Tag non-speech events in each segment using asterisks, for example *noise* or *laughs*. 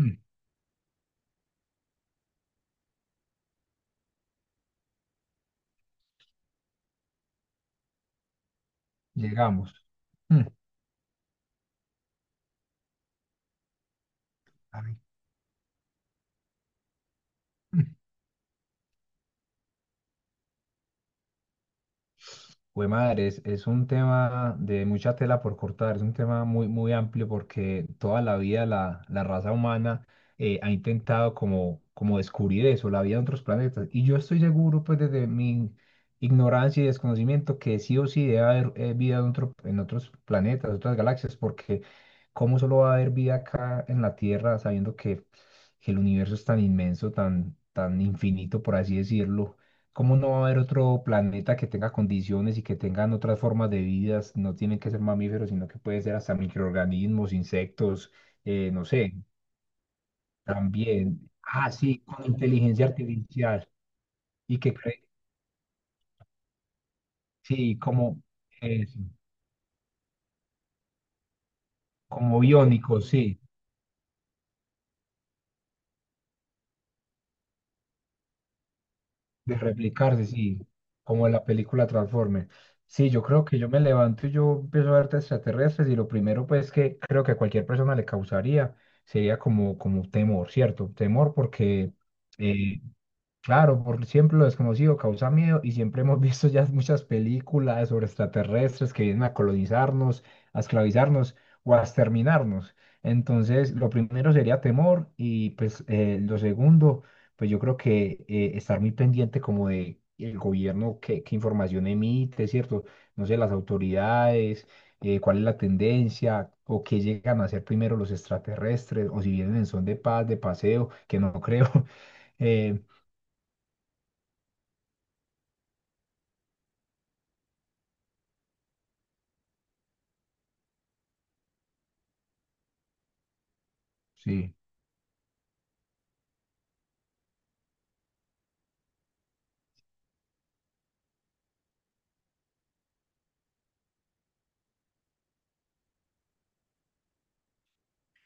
Mm, Llegamos. Mm, a mí. Mm. Jue madre, es un tema de mucha tela por cortar, es un tema muy, muy amplio porque toda la vida la raza humana ha intentado como descubrir eso, la vida en otros planetas. Y yo estoy seguro, pues desde mi ignorancia y desconocimiento, que sí o sí debe haber vida en en otros planetas, otras galaxias, porque ¿cómo solo va a haber vida acá en la Tierra sabiendo que el universo es tan inmenso, tan, tan infinito, por así decirlo? ¿Cómo no va a haber otro planeta que tenga condiciones y que tengan otras formas de vidas? No tienen que ser mamíferos, sino que puede ser hasta microorganismos, insectos, no sé, también. Ah, sí, con inteligencia artificial y que, cre- sí, como, eso, como biónicos, sí. De replicarse, sí, como en la película Transformers. Sí, yo creo que yo me levanto y yo empiezo a ver extraterrestres y lo primero pues que creo que a cualquier persona le causaría sería como temor, ¿cierto? Temor porque eh, claro, por siempre lo desconocido causa miedo y siempre hemos *laughs* visto ya muchas películas sobre extraterrestres que vienen a colonizarnos, a esclavizarnos o a exterminarnos. Entonces, lo primero sería temor y pues lo segundo, pues yo creo que estar muy pendiente como de el gobierno, qué información emite, ¿cierto? No sé, las autoridades, cuál es la tendencia o qué llegan a hacer primero los extraterrestres o si vienen en son de paz, de paseo, que no creo. *laughs* Eh, Sí,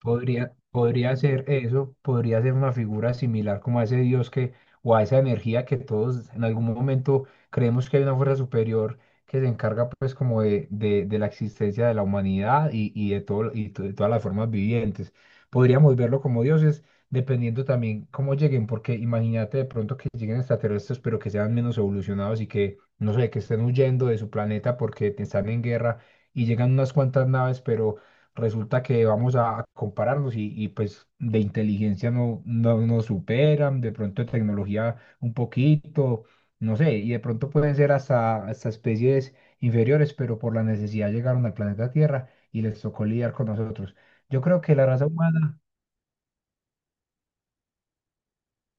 podría ser eso, podría ser una figura similar como a ese Dios que, o a esa energía que todos en algún momento creemos que hay una fuerza superior que se encarga pues como de la existencia de la humanidad y, de todo, y de todas las formas vivientes. Podríamos verlo como dioses, dependiendo también cómo lleguen, porque imagínate de pronto que lleguen extraterrestres, pero que sean menos evolucionados y que, no sé, que estén huyendo de su planeta porque están en guerra y llegan unas cuantas naves, pero resulta que vamos a compararnos pues de inteligencia no, no nos superan, de pronto de tecnología un poquito, no sé, y de pronto pueden ser hasta especies inferiores, pero por la necesidad llegaron al planeta Tierra y les tocó lidiar con nosotros. Yo creo que la raza humana,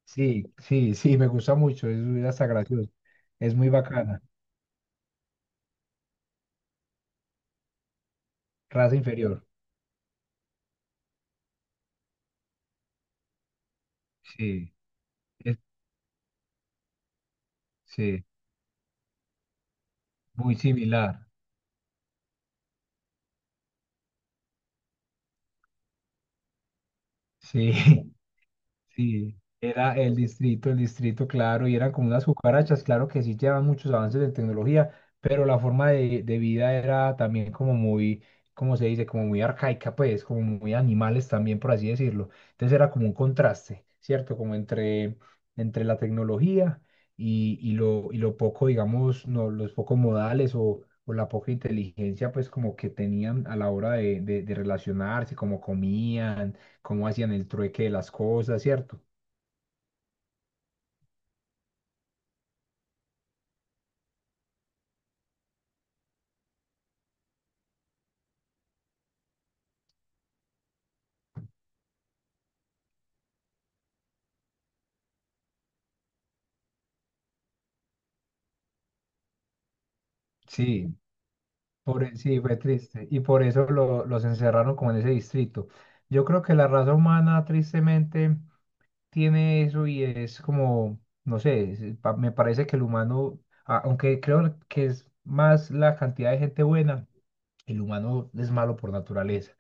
sí, sí, sí, me gusta mucho, es hasta gracioso, es muy bacana, raza inferior, sí, es- sí, muy similar, sí. *laughs* Sí, era el distrito, claro, y eran como unas cucarachas, claro que sí llevan muchos avances en tecnología, pero la forma de vida era también como muy, ¿cómo se dice? Como muy arcaica, pues, como muy animales también, por así decirlo. Entonces era como un contraste, ¿cierto? Como entre la tecnología y lo poco, digamos, no, los pocos modales o la poca inteligencia, pues, como que tenían a la hora de relacionarse, como comían cómo hacían el trueque de las cosas, ¿cierto? Sí. Sí, fue triste. Y por eso los encerraron como en ese distrito. Yo creo que la raza humana, tristemente, tiene eso y es como, no sé, me parece que el humano, aunque creo que es más la cantidad de gente buena, el humano es malo por naturaleza.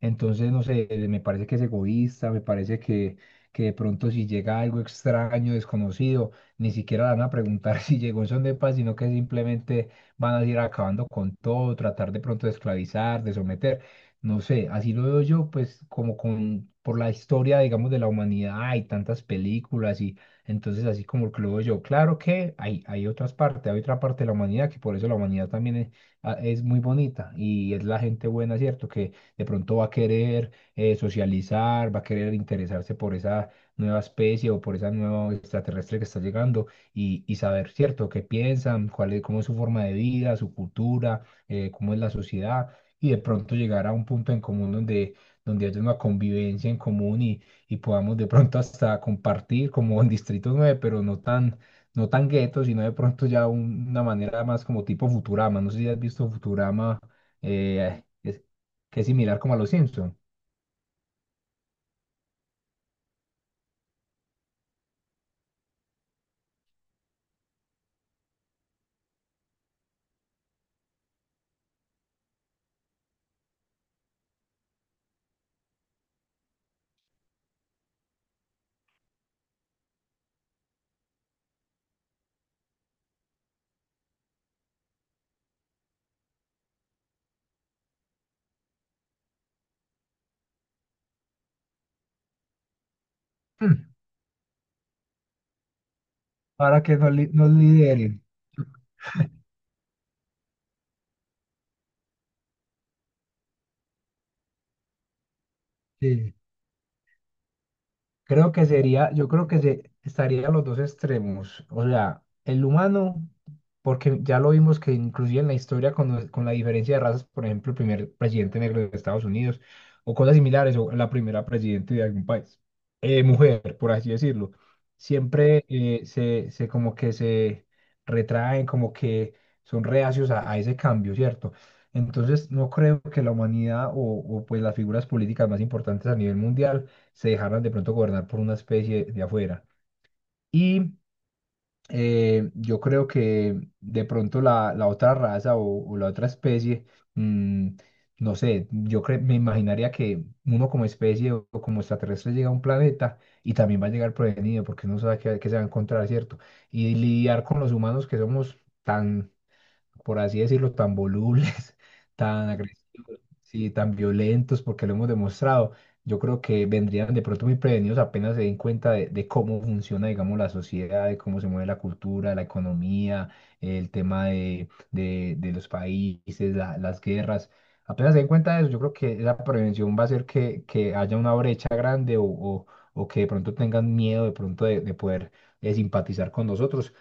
Entonces, no sé, me parece que es egoísta, me parece que de pronto si llega algo extraño, desconocido, ni siquiera le van a preguntar *laughs* si llegó en son de paz, sino que simplemente van a ir acabando con todo, tratar de pronto de esclavizar, de someter. No sé, así lo veo yo, pues como con, por la historia, digamos, de la humanidad, hay tantas películas y entonces así como que lo veo yo. Claro que hay otras partes, hay otra parte de la humanidad que por eso la humanidad también es, ah, es muy bonita y es la gente buena, ¿cierto? Que de pronto va a querer socializar, va a querer interesarse por esa nueva especie o por esa nueva extraterrestre que está llegando y saber, ¿cierto?, qué piensan, cuál es, cómo es su forma de vida, su cultura, cómo es la sociedad y de pronto llegar a un punto en común donde, donde haya una convivencia en común y podamos de pronto hasta compartir como en Distrito 9, pero no tan gueto, sino de pronto ya una manera más como tipo Futurama. No sé si has visto Futurama, eh, es- que es similar como a los Simpson. Mm. Para que nos lideren. Sí, creo que sería, yo creo que se, estaría a los dos extremos, o sea, el humano, porque ya lo vimos que inclusive en la historia con, con la diferencia de razas, por ejemplo, el primer presidente negro de Estados Unidos o cosas similares, o la primera presidente de algún país, mujer, por así decirlo, siempre se como que se retraen, como que son reacios a ese cambio, ¿cierto? Entonces, no creo que la humanidad o pues las figuras políticas más importantes a nivel mundial se dejaran de pronto gobernar por una especie de afuera. Y yo creo que de pronto la otra raza o la otra especie, mm, no sé, me imaginaría que uno como especie o como extraterrestre llega a un planeta y también va a llegar prevenido porque no sabe qué se va a encontrar, ¿cierto? Y lidiar con los humanos que somos tan por así decirlo, tan volubles, *laughs* tan agresivos, sí, tan violentos, porque lo hemos demostrado. Yo creo que vendrían de pronto muy prevenidos apenas se den cuenta de cómo funciona, digamos, la sociedad, de cómo se mueve la cultura, la economía, el tema de los países, las guerras. Apenas se den cuenta de eso, yo creo que la prevención va a hacer que haya una brecha grande o que de pronto tengan miedo de pronto de poder simpatizar con nosotros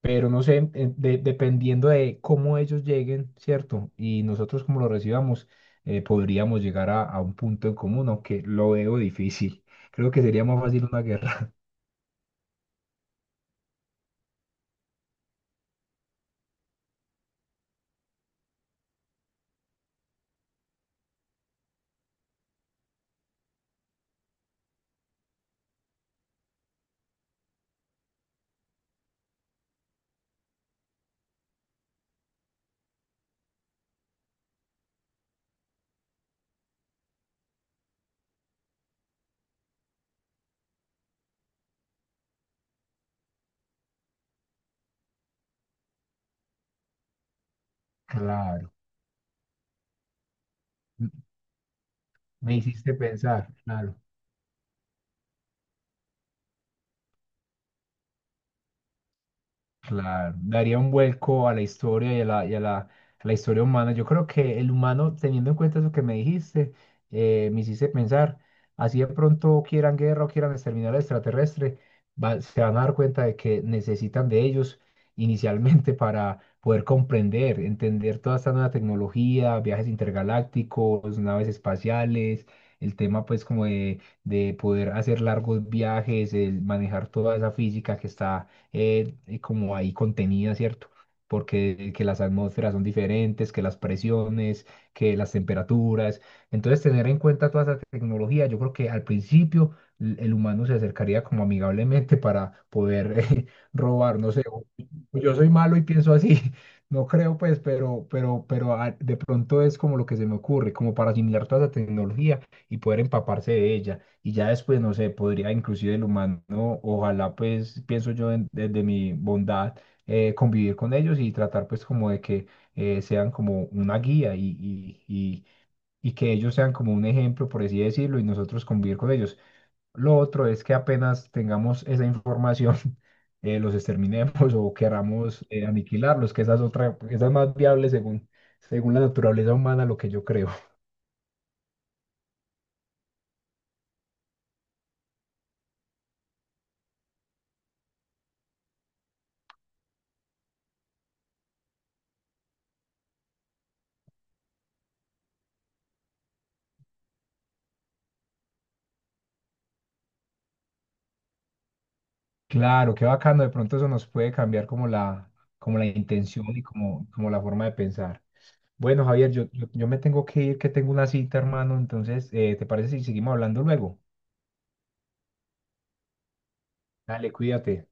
pero no sé, dependiendo de cómo ellos lleguen, ¿cierto? Y nosotros cómo lo recibamos, podríamos llegar a un punto en común, aunque lo veo difícil. *laughs* Creo que sería más fácil una guerra. *laughs* Claro, m- me hiciste pensar, claro. Claro, daría un vuelco a la historia a la historia humana. Yo creo que el humano, teniendo en cuenta eso que me dijiste, me hiciste pensar, así de pronto quieran guerra o quieran exterminar al extraterrestre, se van a dar cuenta de que necesitan de ellos inicialmente *laughs* para poder comprender, entender toda esta nueva tecnología, viajes intergalácticos, naves espaciales, el tema pues como de- poder hacer largos viajes, el manejar toda esa física que está como ahí contenida, ¿cierto? Porque que las atmósferas son diferentes, que las presiones, que las temperaturas. Entonces, tener en cuenta toda esa tecnología, yo creo que al principio el humano se acercaría como amigablemente para poder *laughs* robar, no sé, pues yo soy malo y pienso así, *laughs* no creo pues, pero, de pronto es como lo que se me ocurre, como para asimilar toda esa tecnología y poder empaparse de ella. Y ya después, no sé, podría inclusive el humano, ojalá pues, pienso yo desde mi bondad, convivir con ellos y tratar pues como de que sean como una guía y, y, y que ellos sean como un ejemplo, por así decirlo, y nosotros convivir con ellos. Lo otro es que apenas tengamos esa información, *laughs* los exterminemos o queramos aniquilarlos, que esa es otra, esa es más viable según la naturaleza humana, lo que yo creo. *laughs* Claro, qué bacano, de pronto eso nos puede cambiar como la intención y como la forma de pensar. Bueno, Javier, yo me tengo que ir, que tengo una cita, hermano, entonces, ¿te parece si seguimos hablando luego? Dale, cuídate.